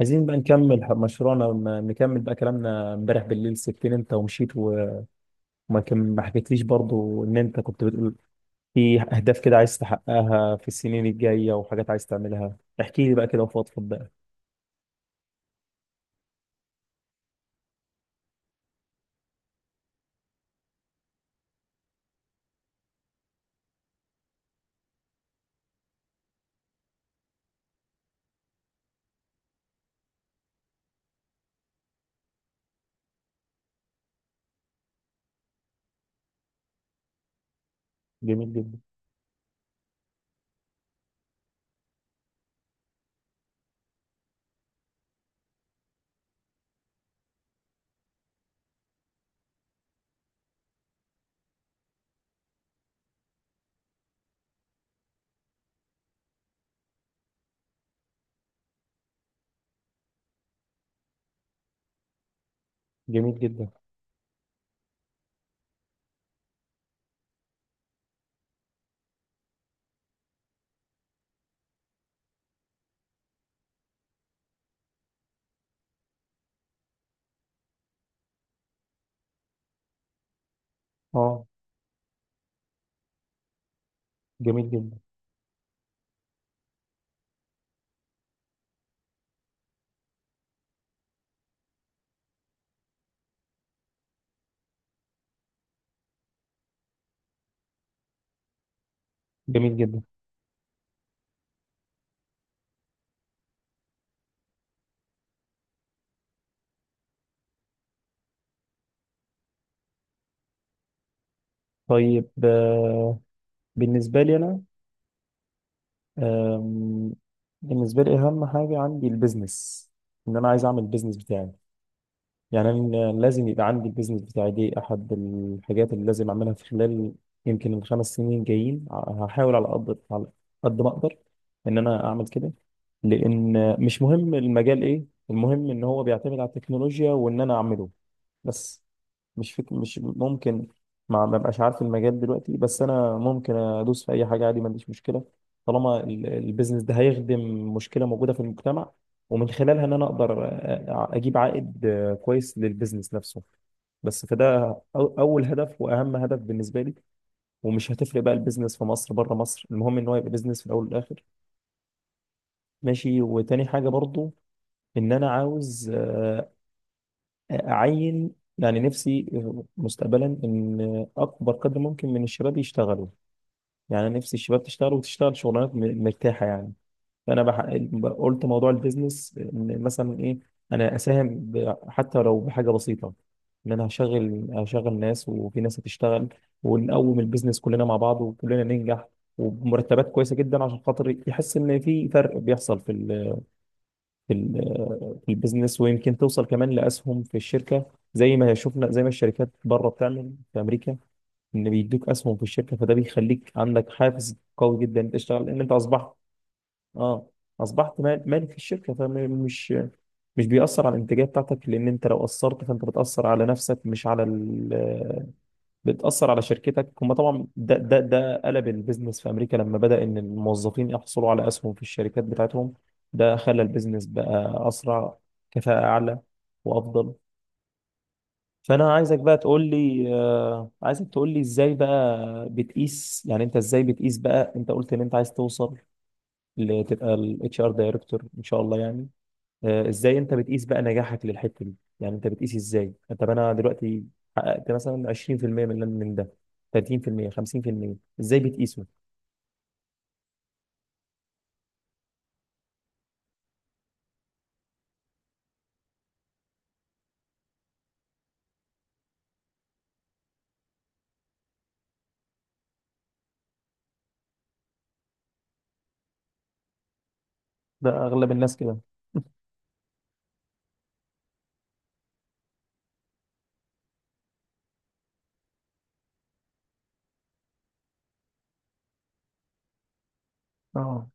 عايزين بقى نكمل مشروعنا نكمل بقى كلامنا امبارح بالليل. سبتني انت ومشيت و- وما ما حكيتليش برضو ان انت كنت بتقول في اهداف كده عايز تحققها في السنين الجاية، وحاجات عايز تعملها. احكي لي بقى كده وفضفض بقى. جميل جدا. جميل جدا. اه. جميل جدا. جميل جدا. طيب. بالنسبة لي انا، آم، بالنسبة لي اهم حاجة عندي البيزنس. ان انا عايز اعمل البيزنس بتاعي. يعني أنا لازم يبقى عندي البيزنس بتاعي، دي أحد الحاجات اللي لازم أعملها في خلال يمكن الخمس سنين جايين. هحاول على قد، على قد ما أقدر إن أنا أعمل كده. لأن مش مهم المجال إيه، المهم إن هو بيعتمد على التكنولوجيا وإن أنا أعمله بس. مش ممكن ما بقاش عارف المجال دلوقتي، بس انا ممكن ادوس في اي حاجه عادي، ما عنديش مشكله. طالما البيزنس ده هيخدم مشكله موجوده في المجتمع، ومن خلالها ان انا اقدر اجيب عائد كويس للبيزنس نفسه بس. فده اول هدف واهم هدف بالنسبه لي. ومش هتفرق بقى، البيزنس في مصر بره مصر، المهم ان هو يبقى بيزنس في الاول والاخر. ماشي. وتاني حاجه برضو، ان انا عاوز أعين يعني نفسي مستقبلا إن أكبر قدر ممكن من الشباب يشتغلوا. يعني أنا نفسي الشباب تشتغل، وتشتغل شغلانات مرتاحة يعني. فأنا بح... قلت موضوع البيزنس إن مثلا إيه، أنا أساهم حتى لو بحاجة بسيطة، إن أنا هشغل، هشغل ناس وفي ناس هتشتغل، ونقوم البيزنس كلنا مع بعض وكلنا ننجح. وبمرتبات كويسة جدا، عشان خاطر يحس إن في فرق بيحصل في في البيزنس. ويمكن توصل كمان لاسهم في الشركه، زي ما شفنا، زي ما الشركات بره بتعمل في امريكا، ان بيدوك اسهم في الشركه. فده بيخليك عندك حافز قوي جدا انت تشتغل، لان انت اصبحت، اه، اصبحت مالك في الشركه. فمش مش بيأثر على الانتاجيه بتاعتك، لان انت لو اثرت فانت بتأثر على نفسك مش على بتأثر على شركتك هم. طبعا ده قلب البيزنس في أمريكا لما بدأ إن الموظفين يحصلوا على أسهم في الشركات بتاعتهم. ده خلى البيزنس بقى أسرع، كفاءة أعلى، وأفضل. فأنا عايزك بقى تقول لي، عايزك تقول لي إزاي بقى بتقيس. يعني أنت إزاي بتقيس بقى؟ أنت قلت إن أنت عايز توصل لتبقى ال HR دايركتور إن شاء الله يعني. ازاي انت بتقيس بقى نجاحك للحته دي؟ يعني انت بتقيس ازاي؟ طب انا دلوقتي حققت مثلا 20% من ده، 30%، 50%؟ ازاي بتقيسه؟ ده اغلب الناس كده. اه.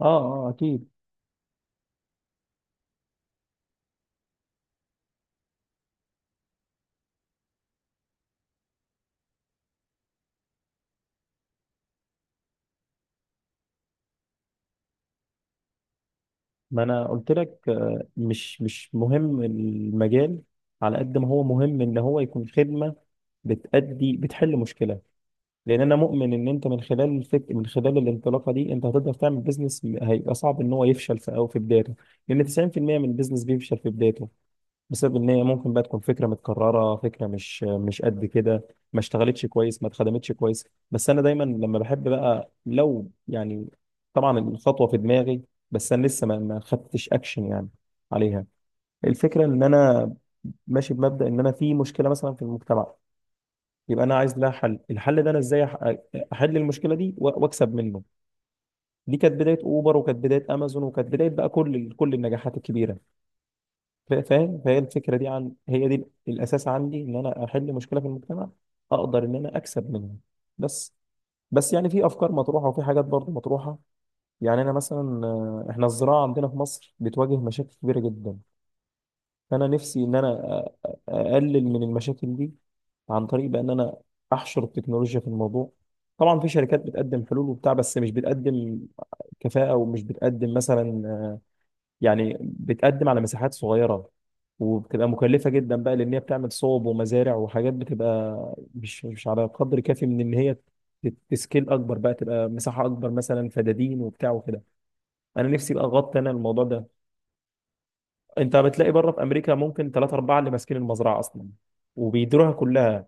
اه. اه اكيد. ما انا قلت لك، مش مهم المجال، على قد ما هو مهم ان هو يكون خدمه بتأدي، بتحل مشكله. لان انا مؤمن ان انت من خلال من خلال الانطلاقه دي انت هتقدر تعمل بيزنس هيبقى صعب ان هو يفشل في او في بدايته. لان 90% من البيزنس بيفشل في بدايته، بسبب ان هي ممكن بقى تكون فكره متكرره، فكره مش قد كده، ما اشتغلتش كويس، ما اتخدمتش كويس. بس انا دايما لما بحب بقى لو يعني، طبعا الخطوه في دماغي، بس انا لسه ما خدتش اكشن يعني عليها. الفكره ان انا ماشي بمبدا ان انا في مشكله مثلا في المجتمع، يبقى انا عايز لها حل. الحل ده انا ازاي احل المشكله دي واكسب منه. دي كانت بدايه اوبر، وكانت بدايه امازون، وكانت بدايه بقى كل النجاحات الكبيره. فاهم؟ فهي الفكره دي، عن هي دي الاساس عندي، ان انا احل مشكله في المجتمع اقدر ان انا اكسب منها بس. بس يعني في افكار مطروحه وفي حاجات برضه مطروحه. يعني انا مثلا، احنا الزراعه عندنا في مصر بتواجه مشاكل كبيره جدا. فانا نفسي ان انا اقلل من المشاكل دي عن طريق بان انا احشر التكنولوجيا في الموضوع. طبعا في شركات بتقدم حلول وبتاع، بس مش بتقدم كفاءه، ومش بتقدم مثلا يعني بتقدم على مساحات صغيرة، وبتبقى مكلفة جدا بقى، لأن هي بتعمل صوب ومزارع وحاجات، بتبقى مش على قدر كافي من إن هي تسكيل أكبر بقى، تبقى مساحة أكبر، مثلا فدادين وبتاع وكده. أنا نفسي بقى أغطي أنا الموضوع ده. أنت بتلاقي بره في أمريكا ممكن ثلاثة أربعة اللي ماسكين المزرعة أصلا، وبيديروها كلها،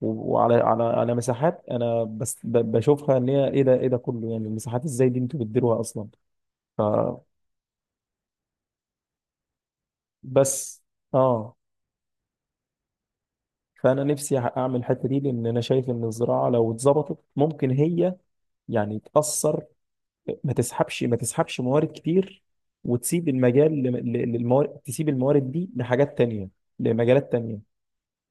وعلى على مساحات. أنا بس بشوفها إن هي إيه ده، إيه ده كله يعني؟ المساحات إزاي دي أنتوا بتديروها أصلا؟ فبس. آه. فانا نفسي اعمل الحته دي، لان انا شايف ان الزراعه لو اتظبطت ممكن هي يعني تاثر. ما تسحبش موارد كتير، وتسيب المجال للموارد، تسيب الموارد دي لحاجات تانية، لمجالات تانية.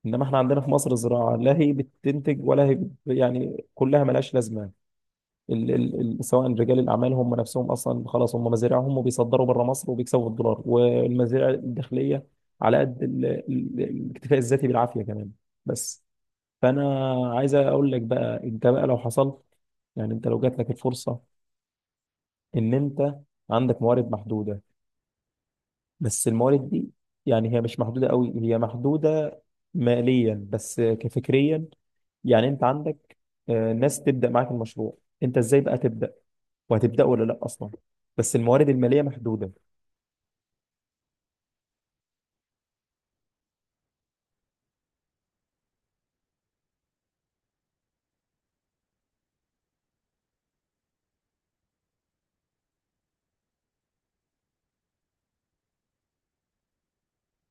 انما احنا عندنا في مصر الزراعه لا هي بتنتج ولا هي بت، يعني كلها ملهاش لازمه. ال سواء رجال الاعمال هم نفسهم اصلا خلاص، هم مزارعهم وبيصدروا بره مصر وبيكسبوا الدولار، والمزارع الداخليه على قد الاكتفاء الذاتي بالعافيه كمان بس. فانا عايز اقول لك بقى انت بقى، لو حصل يعني، انت لو جات لك الفرصه ان انت عندك موارد محدوده، بس الموارد دي يعني هي مش محدوده قوي، هي محدوده ماليا بس كفكريا، يعني انت عندك ناس تبدا معاك المشروع، انت ازاي بقى تبدا؟ وهتبدا ولا لا اصلا، بس الموارد الماليه محدوده.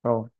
اه.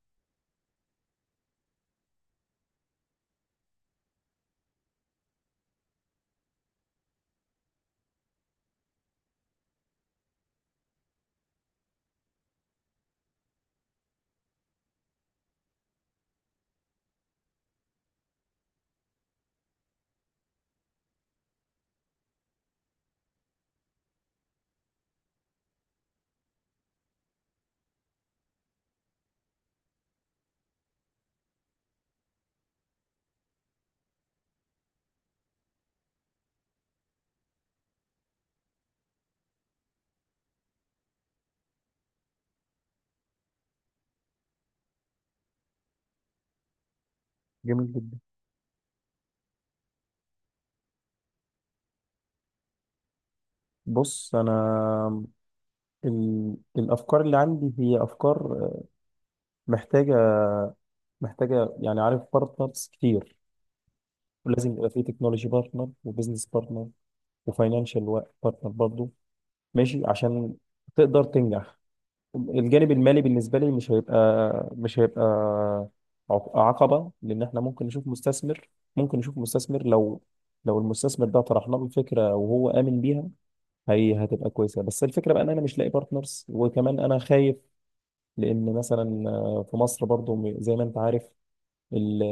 جميل جدا. بص انا، الافكار اللي عندي هي افكار محتاجه، محتاجه يعني عارف بارتنرز كتير. ولازم يبقى فيه تكنولوجي بارتنر، وبزنس بارتنر، وفاينانشال بارتنر برضه، ماشي، عشان تقدر تنجح. الجانب المالي بالنسبة لي مش هيبقى، مش هيبقى عقبة، لأن احنا ممكن نشوف مستثمر. ممكن نشوف مستثمر لو، لو المستثمر ده طرحنا له الفكرة وهو آمن بيها هي هتبقى كويسة. بس الفكرة بقى إن أنا مش لاقي بارتنرز، وكمان أنا خايف. لأن مثلا، في مصر برضو زي ما أنت عارف، ال-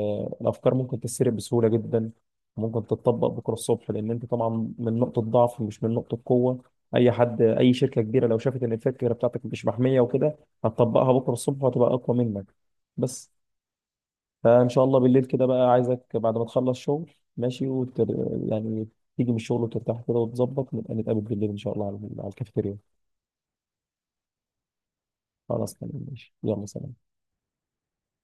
الافكار ممكن تتسرب بسهوله جدا، وممكن تتطبق بكره الصبح، لان انت طبعا من نقطه ضعف مش من نقطه قوه. اي حد، اي شركه كبيره لو شافت ان الفكره بتاعتك مش محميه وكده، هتطبقها بكره الصبح وهتبقى اقوى منك بس. فان شاء الله بالليل كده بقى عايزك بعد ما تخلص شغل ماشي، يعني تيجي من الشغل وترتاح كده وتظبط، نبقى نتقابل بالليل ان شاء الله على على الكافيتيريا. خلاص تمام ماشي، يلا سلام.